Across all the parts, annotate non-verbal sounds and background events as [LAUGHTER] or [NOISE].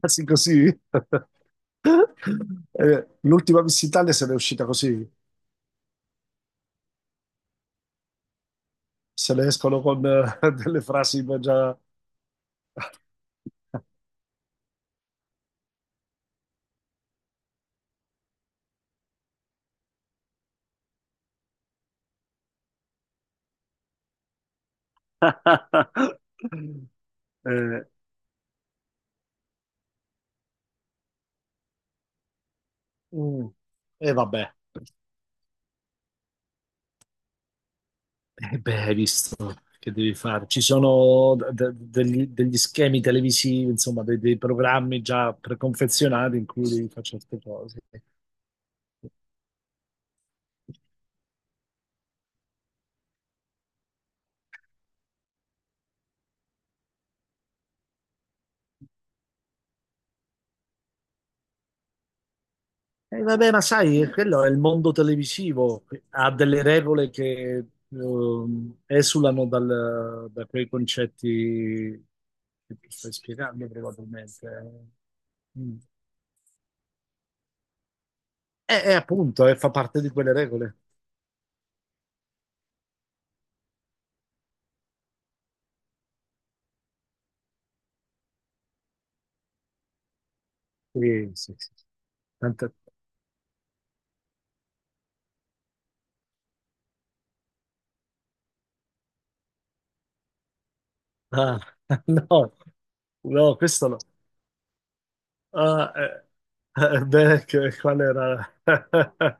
Quasi così. L'ultima Miss Italia se n'è uscita così, se ne escono con [LAUGHS] delle frasi già. [LAUGHS] Eh, mm, e vabbè. Beh, hai visto che devi fare. Ci sono degli schemi televisivi, insomma, dei programmi già preconfezionati in cui devi fare certe cose. Vabbè, ma sai, quello è il mondo televisivo, ha delle regole che esulano da quei concetti che tu stai spiegando probabilmente. Eh. Mm. E appunto, fa parte di quelle regole. Sì, sì, sì. Tanta- Ah, [LAUGHS] no, no, questo no. Ah, [LAUGHS] beh, qual era. [LAUGHS]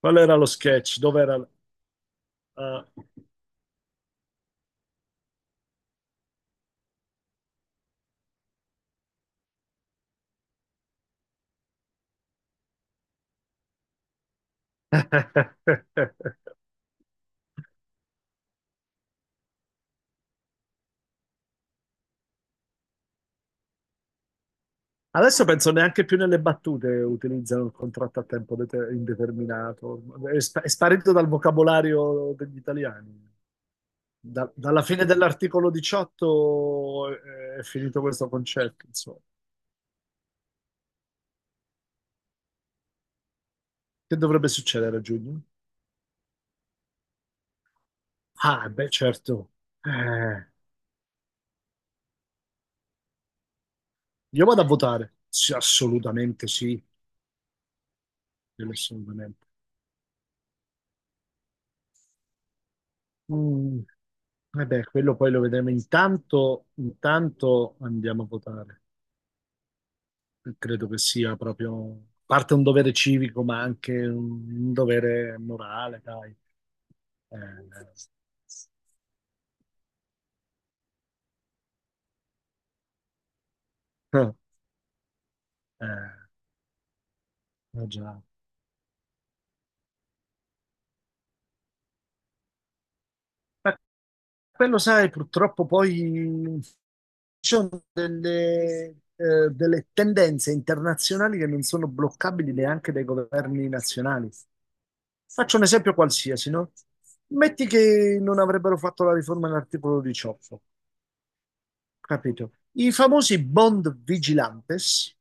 Qual era lo sketch? Dov'era. Ah. [LAUGHS] Adesso penso neanche più nelle battute utilizzano il contratto a tempo indeterminato, è, è sparito dal vocabolario degli italiani. Dalla fine dell'articolo 18 è finito questo concetto, insomma. Che dovrebbe succedere a giugno? Ah, beh, certo. Eh, io vado a votare. Sì, assolutamente sì, quello assolutamente. Mm, Vabbè, quello poi lo vedremo. Intanto andiamo a votare. Credo che sia proprio parte un dovere civico, ma anche un dovere morale, dai. Eh, eh, eh, Già. Ma quello, sai, purtroppo poi ci sono delle tendenze internazionali che non sono bloccabili neanche dai governi nazionali. Faccio un esempio qualsiasi, no? Metti che non avrebbero fatto la riforma dell'articolo 18. Capito? I famosi bond vigilantes,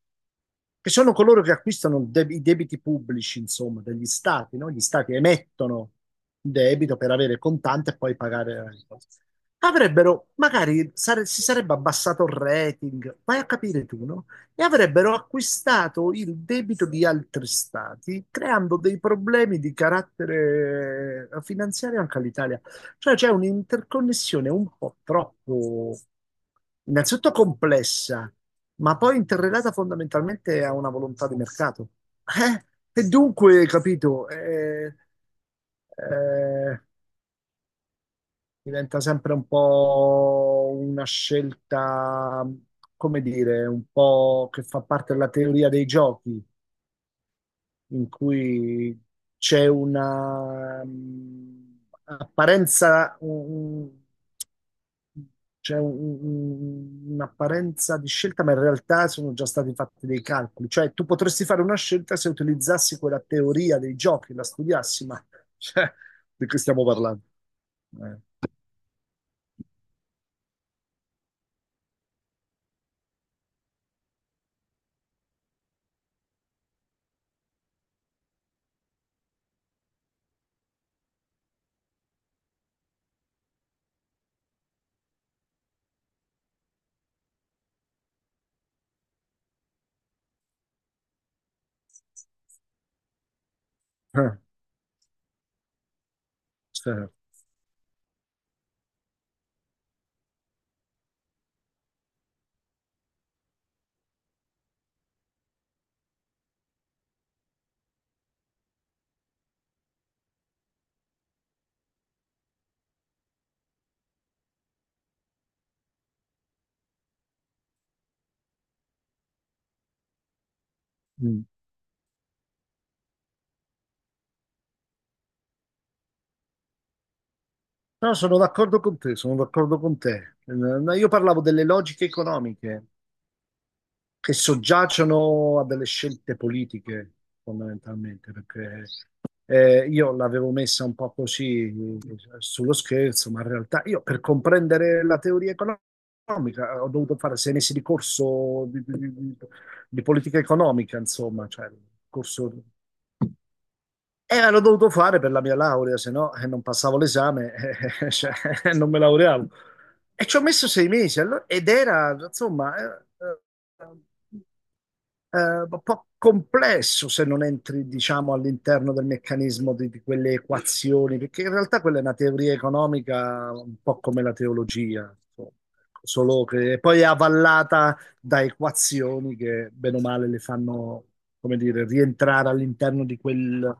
che sono coloro che acquistano i debiti pubblici, insomma, degli stati, no? Gli stati emettono il debito per avere contante e poi pagare la cosa. Avrebbero, magari si sarebbe abbassato il rating, vai a capire tu, no? E avrebbero acquistato il debito di altri stati, creando dei problemi di carattere finanziario anche all'Italia. Cioè c'è un'interconnessione un po' troppo, innanzitutto complessa, ma poi interrelata fondamentalmente a una volontà di mercato. Eh? E dunque, capito, eh, diventa sempre un po' una scelta, come dire, un po' che fa parte della teoria dei giochi, in cui c'è una apparenza, c'è un'apparenza di scelta, ma in realtà sono già stati fatti dei calcoli. Cioè, tu potresti fare una scelta se utilizzassi quella teoria dei giochi, la studiassi, ma cioè, di che stiamo parlando? Eh, eh, certo. Mm. No, sono d'accordo con te, sono d'accordo con te. No, io parlavo delle logiche economiche che soggiacciono a delle scelte politiche, fondamentalmente. Perché io l'avevo messa un po' così, sullo scherzo, ma in realtà io per comprendere la teoria economica ho dovuto fare 6 mesi di corso di di politica economica, insomma, cioè, corso. E l'ho dovuto fare per la mia laurea, se no non passavo l'esame, [LAUGHS] cioè, non me laureavo. E ci ho messo 6 mesi, ed era, insomma, eh, eh, eh, un po' complesso se non entri, diciamo, all'interno del meccanismo di quelle equazioni, perché in realtà quella è una teoria economica un po' come la teologia, insomma, ecco. Solo che poi è avvallata da equazioni che bene o male le fanno, come dire, rientrare all'interno di quel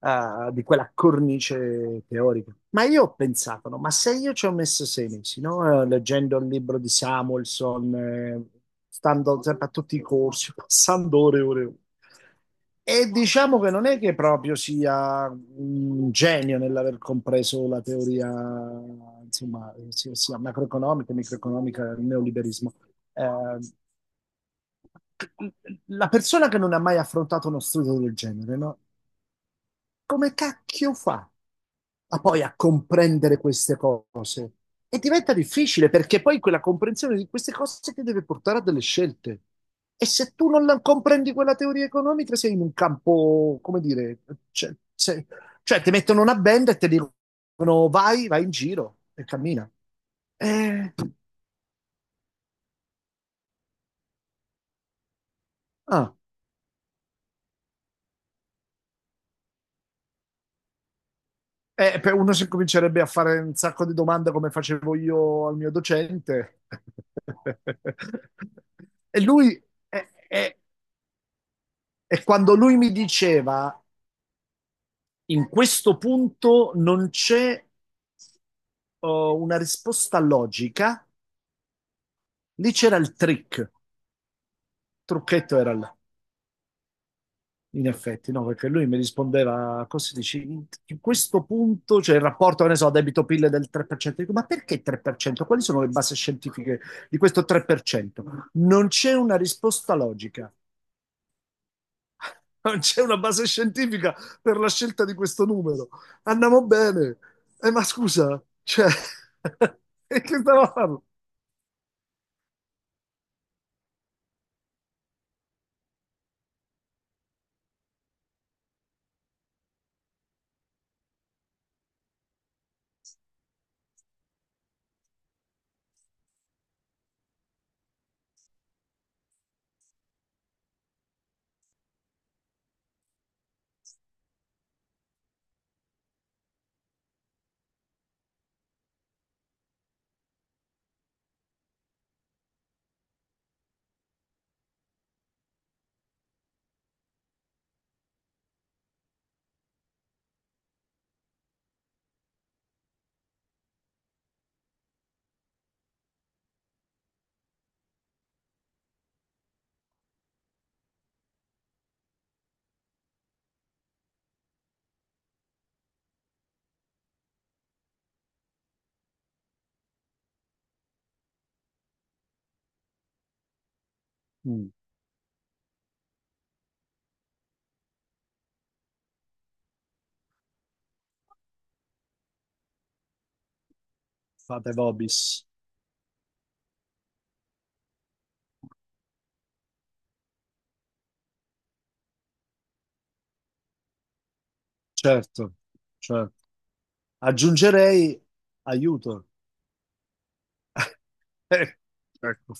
eh, di quella cornice teorica. Ma io ho pensato, no? Ma se io ci ho messo 6 mesi, no? Leggendo il libro di Samuelson, stando sempre a tutti i corsi, [LAUGHS] passando ore e ore e ore. E diciamo che non è che proprio sia un genio nell'aver compreso la teoria, insomma, sia, sia macroeconomica, microeconomica, il neoliberismo. Eh, la persona che non ha mai affrontato uno studio del genere, no? Come cacchio fa a poi a comprendere queste cose? E diventa difficile perché poi quella comprensione di queste cose ti deve portare a delle scelte. E se tu non comprendi quella teoria economica, sei in un campo, come dire, cioè, cioè, ti mettono una benda e ti dicono vai, vai in giro e cammina. Eh, ah. Per uno si comincerebbe a fare un sacco di domande come facevo io al mio docente. [LAUGHS] E lui, e, e- e quando lui mi diceva, in questo punto non c'è oh, una risposta logica, lì c'era il trick, il trucchetto era. In effetti, no, perché lui mi rispondeva a cose, dici, in questo punto, cioè il rapporto, che ne so, debito-PIL del 3%, dico, ma perché 3%? Quali sono le basi scientifiche di questo 3%? Non c'è una risposta logica, [LAUGHS] non c'è una base scientifica per la scelta di questo numero. Andiamo bene. Ma scusa, cioè, [LAUGHS] e che stavo a fare? Mm, Fate vobis, certo, certo. Aggiungerei aiuto. Eh, ecco.